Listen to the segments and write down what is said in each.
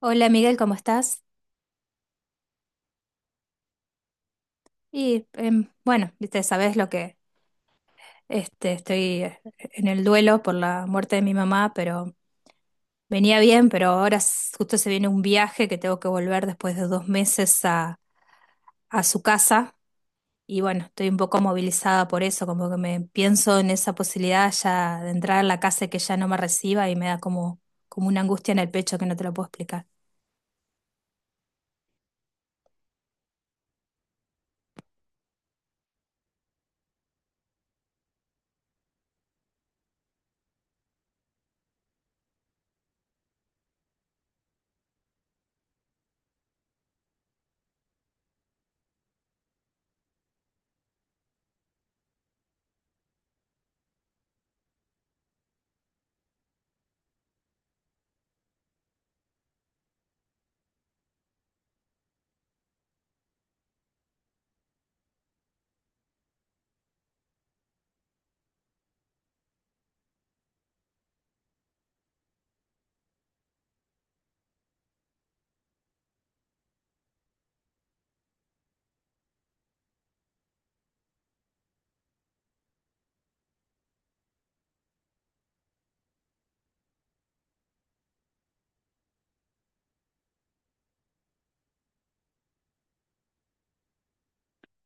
Hola Miguel, ¿cómo estás? Bueno, viste, sabes lo que estoy en el duelo por la muerte de mi mamá, pero venía bien, pero ahora justo se viene un viaje que tengo que volver después de dos meses a su casa. Y bueno, estoy un poco movilizada por eso, como que me pienso en esa posibilidad ya de entrar a la casa y que ya no me reciba, y me da como, como una angustia en el pecho que no te lo puedo explicar.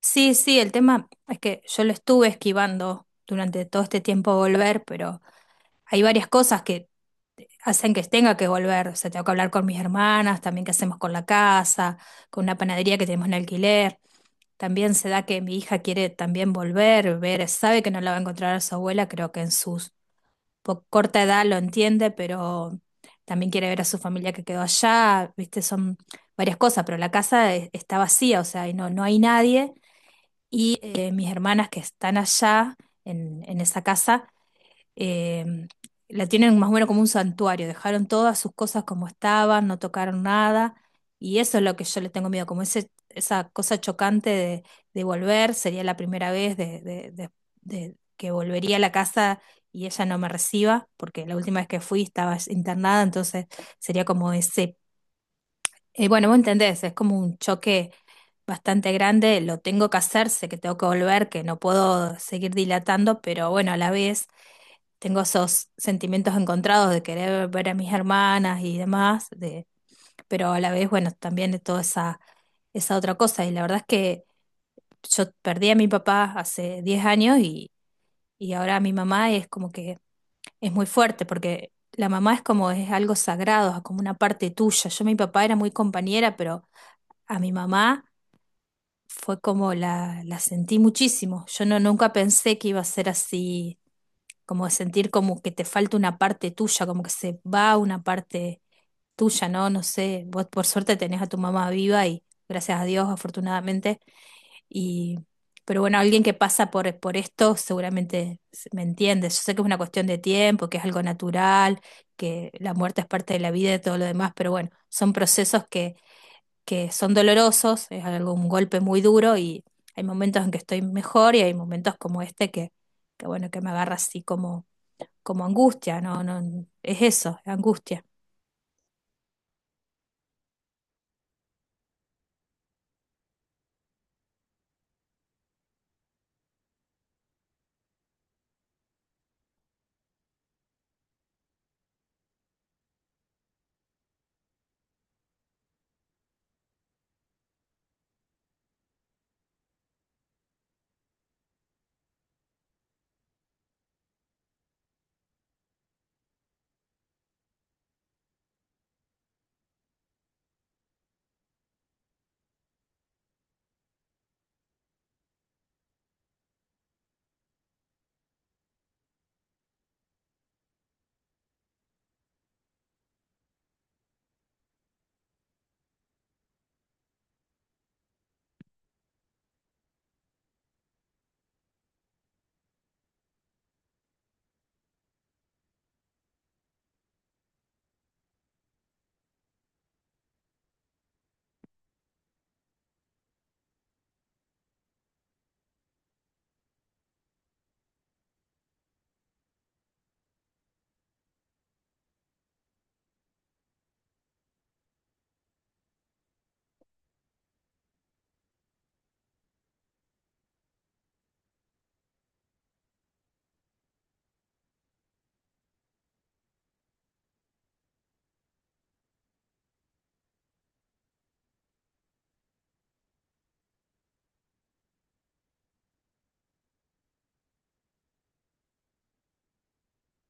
Sí, sí, el tema es que yo lo estuve esquivando durante todo este tiempo volver, pero hay varias cosas que hacen que tenga que volver. O sea, tengo que hablar con mis hermanas, también qué hacemos con la casa, con una panadería que tenemos en alquiler. También se da que mi hija quiere también volver, ver, sabe que no la va a encontrar a su abuela, creo que en su corta edad lo entiende, pero también quiere ver a su familia que quedó allá, viste, son varias cosas, pero la casa está vacía, o sea, y no, no hay nadie. Mis hermanas que están allá en esa casa eh, la tienen más o menos como un santuario, dejaron todas sus cosas como estaban, no tocaron nada, y eso es lo que yo le tengo miedo, como ese, esa cosa chocante de volver, sería la primera vez de, de que volvería a la casa y ella no me reciba, porque la última vez que fui estaba internada, entonces sería como ese, bueno, vos entendés, es como un choque bastante grande. Lo tengo que hacer, sé que tengo que volver, que no puedo seguir dilatando, pero bueno, a la vez tengo esos sentimientos encontrados de querer ver a mis hermanas y demás, de, pero a la vez, bueno, también de toda esa, esa otra cosa. Y la verdad es que yo perdí a mi papá hace 10 años y ahora mi mamá es como que es muy fuerte porque la mamá es como es algo sagrado, es como una parte tuya. Yo mi papá era muy compañera, pero a mi mamá fue como la sentí muchísimo. Yo no, nunca pensé que iba a ser así, como sentir como que te falta una parte tuya, como que se va una parte tuya, ¿no? No sé, vos por suerte tenés a tu mamá viva y gracias a Dios, afortunadamente, y pero bueno, alguien que pasa por esto seguramente me entiende. Yo sé que es una cuestión de tiempo, que es algo natural, que la muerte es parte de la vida y todo lo demás, pero bueno, son procesos que son dolorosos, es algo, un golpe muy duro. Y hay momentos en que estoy mejor y hay momentos como este que bueno, que me agarra así como como angustia, no, no, es eso, angustia.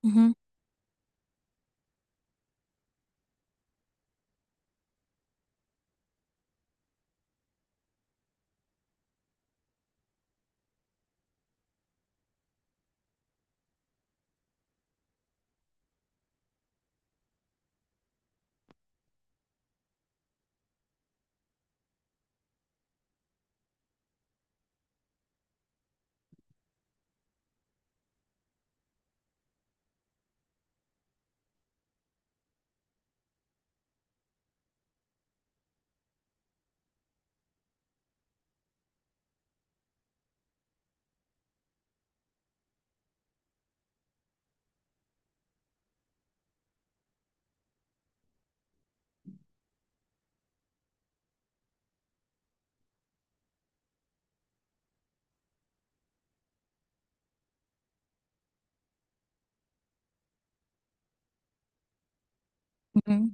Ujú, ujú.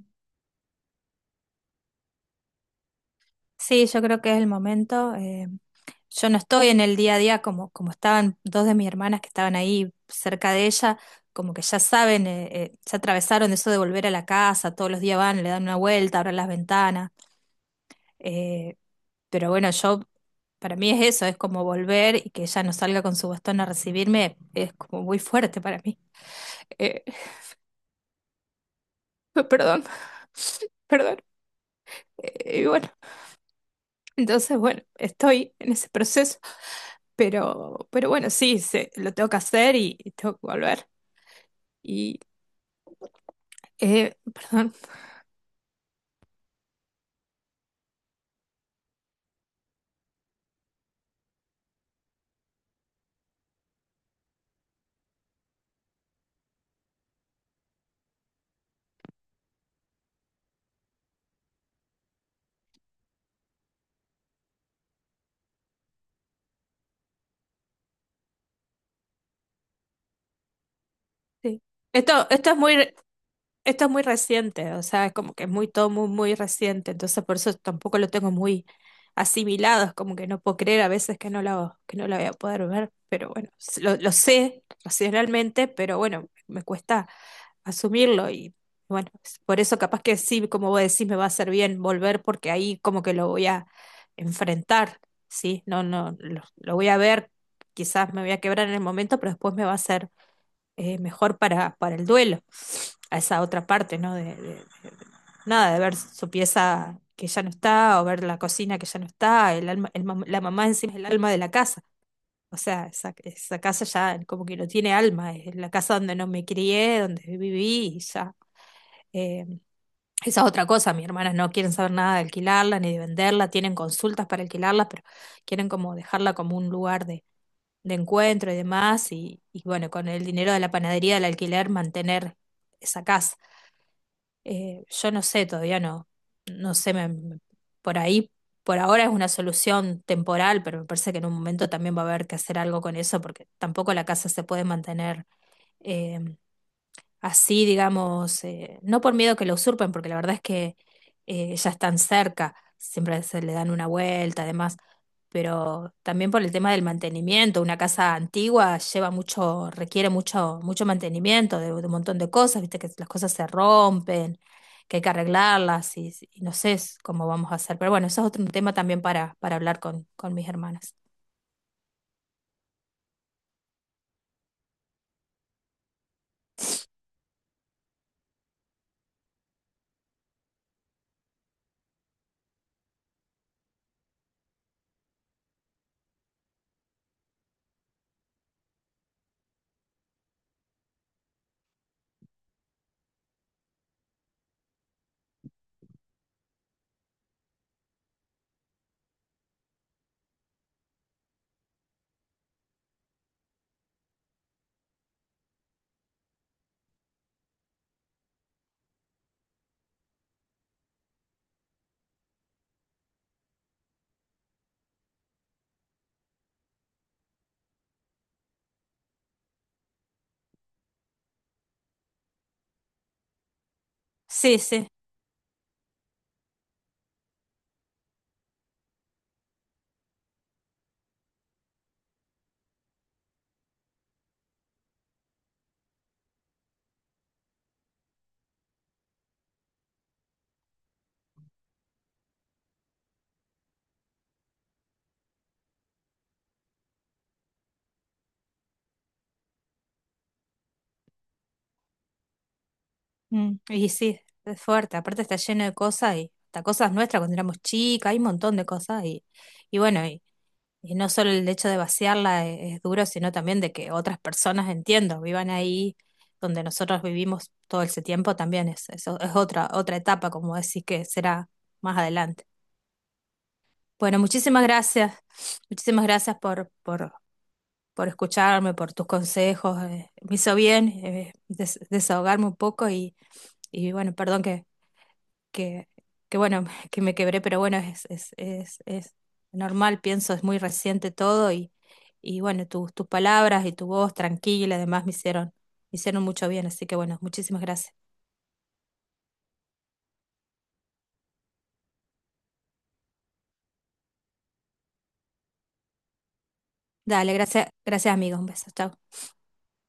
Sí, yo creo que es el momento. Yo no estoy en el día a día como, como estaban dos de mis hermanas que estaban ahí cerca de ella, como que ya saben, ya atravesaron eso de volver a la casa, todos los días van, le dan una vuelta, abren las ventanas. eh, pero bueno, yo, para mí es eso, es como volver y que ella no salga con su bastón a recibirme, es como muy fuerte para mí. Eh, perdón, perdón. Y bueno. Entonces, bueno, estoy en ese proceso, pero bueno, sí, se, lo tengo que hacer y tengo que volver. Y, perdón, sí. Esto es muy, esto es muy reciente, o sea, es como que es muy, todo muy, muy reciente, entonces por eso tampoco lo tengo muy asimilado, es como que no puedo creer a veces que no lo voy a poder ver, pero bueno, lo sé racionalmente, pero bueno, me cuesta asumirlo. Y bueno, es por eso capaz que sí, como vos decís, me va a hacer bien volver porque ahí como que lo voy a enfrentar, ¿sí? No, no, lo voy a ver, quizás me voy a quebrar en el momento, pero después me va a ser mejor para el duelo, a esa otra parte, ¿no? De, nada, de ver su pieza que ya no está o ver la cocina que ya no está, el alma, el la mamá encima es el alma de la casa. O sea, esa casa ya como que no tiene alma, es la casa donde no me crié, donde viví y ya eh, esa es otra cosa. Mis hermanas no quieren saber nada de alquilarla ni de venderla, tienen consultas para alquilarla, pero quieren como dejarla como un lugar de encuentro y demás, y bueno, con el dinero de la panadería del alquiler mantener esa casa. Yo no sé, todavía no, no sé, por ahí, por ahora es una solución temporal, pero me parece que en un momento también va a haber que hacer algo con eso, porque tampoco la casa se puede mantener eh, así, digamos, no por miedo que lo usurpen, porque la verdad es que ya están cerca, siempre se le dan una vuelta, además, pero también por el tema del mantenimiento. Una casa antigua lleva mucho, requiere mucho, mucho mantenimiento de un montón de cosas, viste que las cosas se rompen, que hay que arreglarlas y no sé cómo vamos a hacer. Pero bueno, eso es otro tema también para hablar con mis hermanas. Sí, sí. Mm, y sí, es fuerte. Aparte está lleno de cosas y hasta cosas nuestras cuando éramos chicas, hay un montón de cosas y bueno, y no solo el hecho de vaciarla es, duro, sino también de que otras personas, entiendo, vivan ahí donde nosotros vivimos todo ese tiempo también es, es otra, otra etapa, como decís, que será más adelante. Bueno, muchísimas gracias por escucharme, por tus consejos. Me hizo bien, desahogarme un poco y bueno, perdón que, que bueno, que me quebré, pero bueno, es normal, pienso, es muy reciente todo y bueno, tus, tus palabras y tu voz tranquila, además me hicieron mucho bien, así que bueno, muchísimas gracias. Dale, gracias, gracias amigos, un beso, chao.